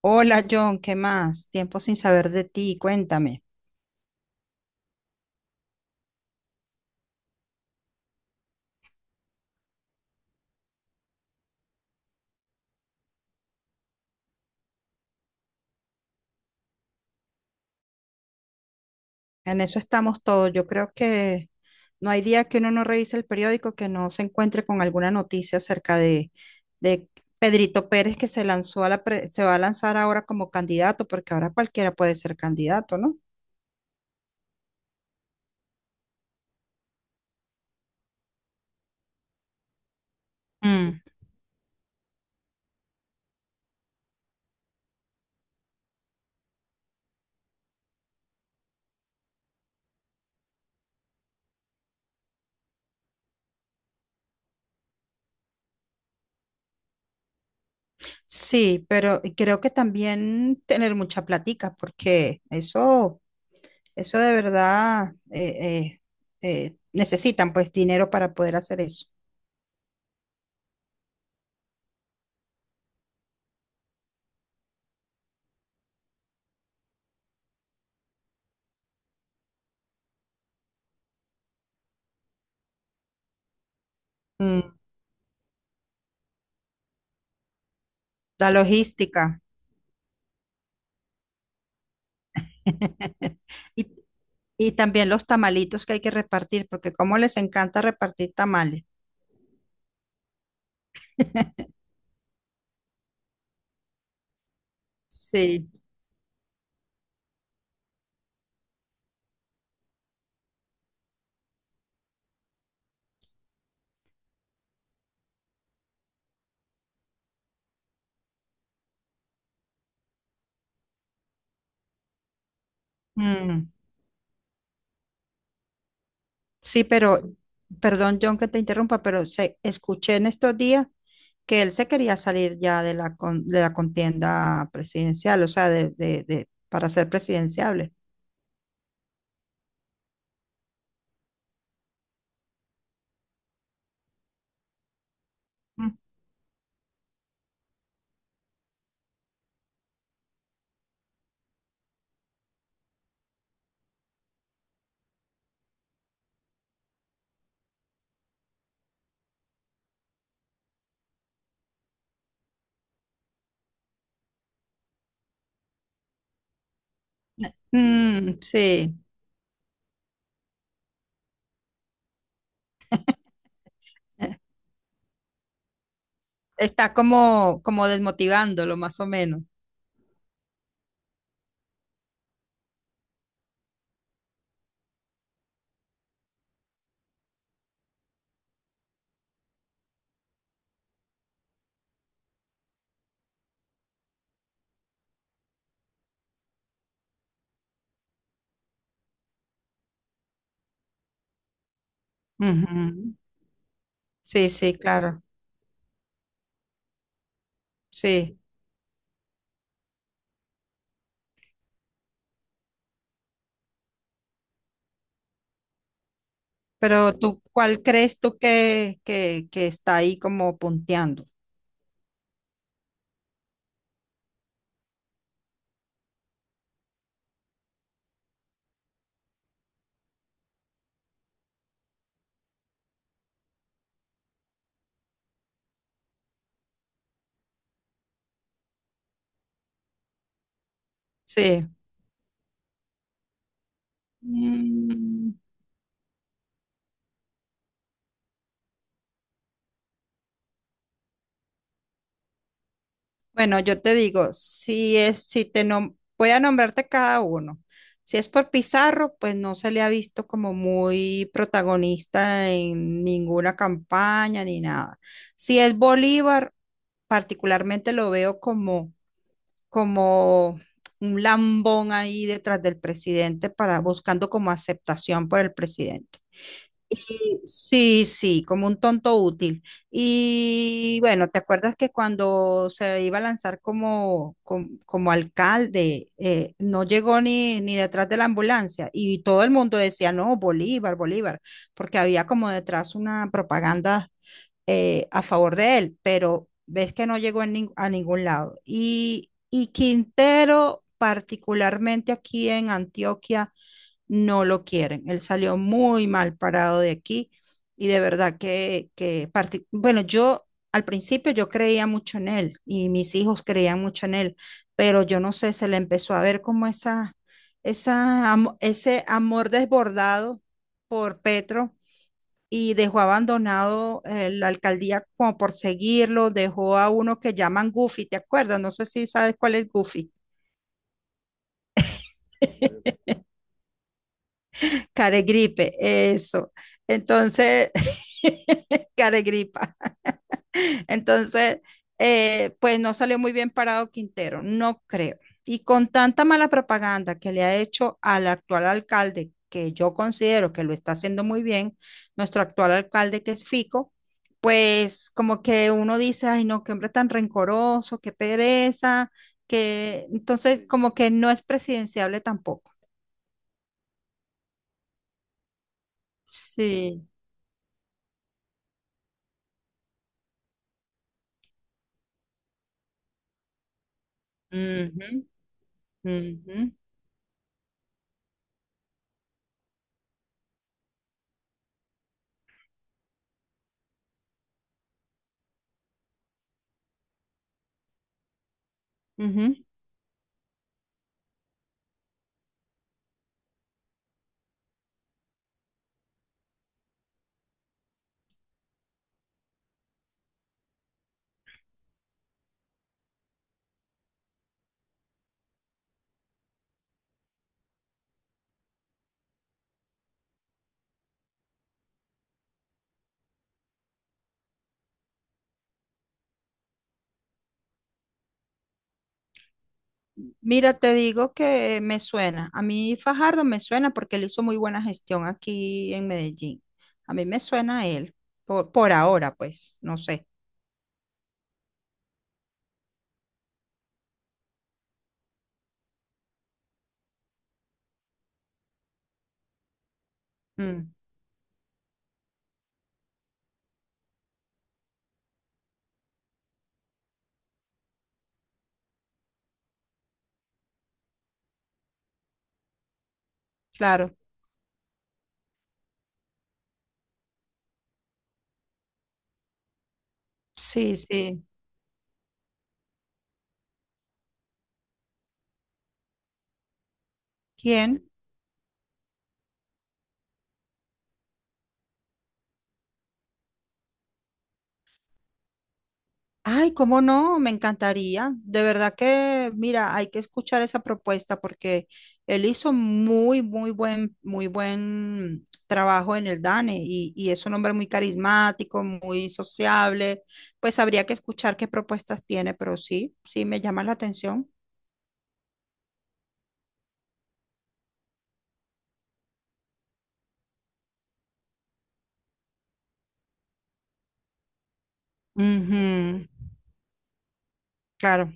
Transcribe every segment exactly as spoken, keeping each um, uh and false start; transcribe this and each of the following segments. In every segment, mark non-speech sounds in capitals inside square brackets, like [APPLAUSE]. Hola John, ¿qué más? Tiempo sin saber de ti, cuéntame. En eso estamos todos. Yo creo que no hay día que uno no revise el periódico que no se encuentre con alguna noticia acerca de, de Pedrito Pérez que se lanzó a la pre- se va a lanzar ahora como candidato, porque ahora cualquiera puede ser candidato, ¿no? Mm, sí, pero creo que también tener mucha platica, porque eso, eso de verdad eh, eh, eh, necesitan pues dinero para poder hacer eso. La logística. [LAUGHS] Y, y también los tamalitos que hay que repartir, porque como les encanta repartir tamales. Sí. Mm. Sí, pero, perdón, John, que te interrumpa, pero se, escuché en estos días que él se quería salir ya de la, con- de la contienda presidencial, o sea, de, de, de- para ser presidenciable. Mm, mm, sí, eh, está como, como desmotivándolo, más o menos. Ujú. Sí, sí, claro, sí. Pero tú, ¿cuál crees tú que, que, que está ahí como punteando? Sí. Mm. Bueno, yo te digo, si es, si te nom- voy a nombrarte cada uno. Si es por Pizarro, pues no se le ha visto como muy protagonista en ninguna campaña ni nada. Si es Bolívar, particularmente lo veo como, como un lambón ahí detrás del presidente para buscando como aceptación por el presidente. Y sí, sí, como un tonto útil. Y bueno, ¿te acuerdas que cuando se iba a lanzar como, com- como, alcalde, eh, no llegó ni, ni detrás de la ambulancia? Y todo el mundo decía, no, Bolívar, Bolívar, porque había como detrás una propaganda eh, a favor de él, pero ves que no llegó en nin- a ningún lado. Y, y Quintero, particularmente aquí en Antioquia no lo quieren. Él salió muy mal parado de aquí y de verdad que, que parti- bueno, yo al principio yo creía mucho en él y mis hijos creían mucho en él, pero yo no sé, se le empezó a ver como esa, esa, amo- ese amor desbordado por Petro. Y dejó abandonado eh, la alcaldía como por seguirlo, dejó a uno que llaman Goofy, ¿te acuerdas? No sé si sabes cuál es Goofy. [LAUGHS] Caregripe, eso. Entonces, [LAUGHS] caregripa. Entonces, eh, pues no salió muy bien parado Quintero, no creo. Y con tanta mala propaganda que le ha hecho al actual alcalde, que yo considero que lo está haciendo muy bien, nuestro actual alcalde que es Fico, pues como que uno dice, ay no, qué hombre tan rencoroso, qué pereza, que entonces como que no es presidenciable tampoco. Sí. Ujú, ujú. Mira, te digo que me suena. A mí Fajardo me suena porque él hizo muy buena gestión aquí en Medellín. A mí me suena a él, por, por ahora, pues, no sé. Mm, claro, sí, sí. ¿Quién? Ay, cómo no, me encantaría. De verdad que, mira, hay que escuchar esa propuesta porque él hizo muy, muy buen, muy buen trabajo en el DANE y, y es un hombre muy carismático, muy sociable. Pues habría que escuchar qué propuestas tiene, pero sí, sí, me llama la atención. Ujú, claro.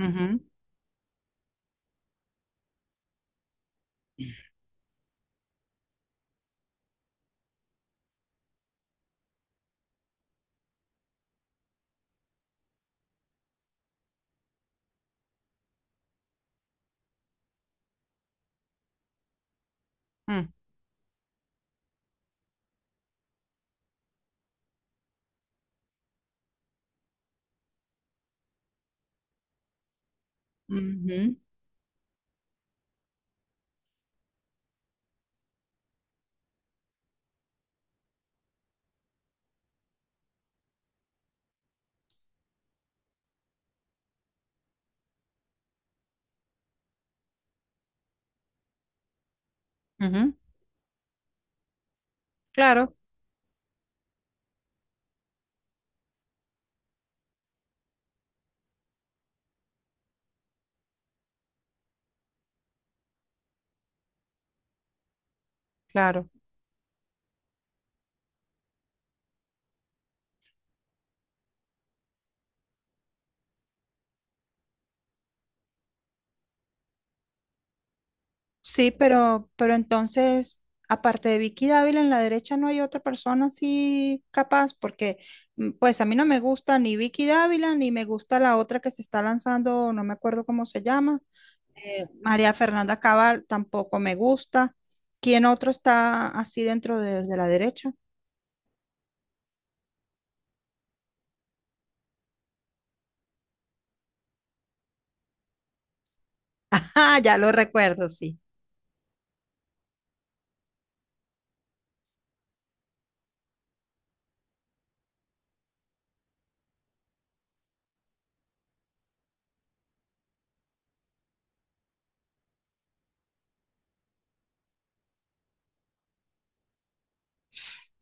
Ujú, mm, ujú, ujú. Claro, claro. Sí, pero, pero entonces, aparte de Vicky Dávila, en la derecha no hay otra persona así capaz, porque mm, pues a mí no me gusta ni Vicky Dávila, ni me gusta la otra que se está lanzando, no me acuerdo cómo se llama. Eh, María Fernanda Cabal tampoco me gusta. ¿Quién otro está así dentro de, de la derecha? [LAUGHS] Ah, ya lo recuerdo, sí.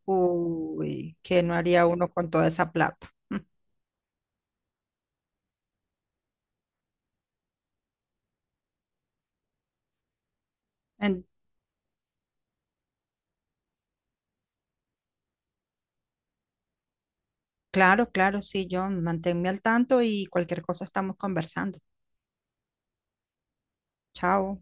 Uy, ¿qué no haría uno con toda esa plata? [LAUGHS] En- claro, claro, sí, John, manténme al tanto y cualquier cosa estamos conversando. Chao.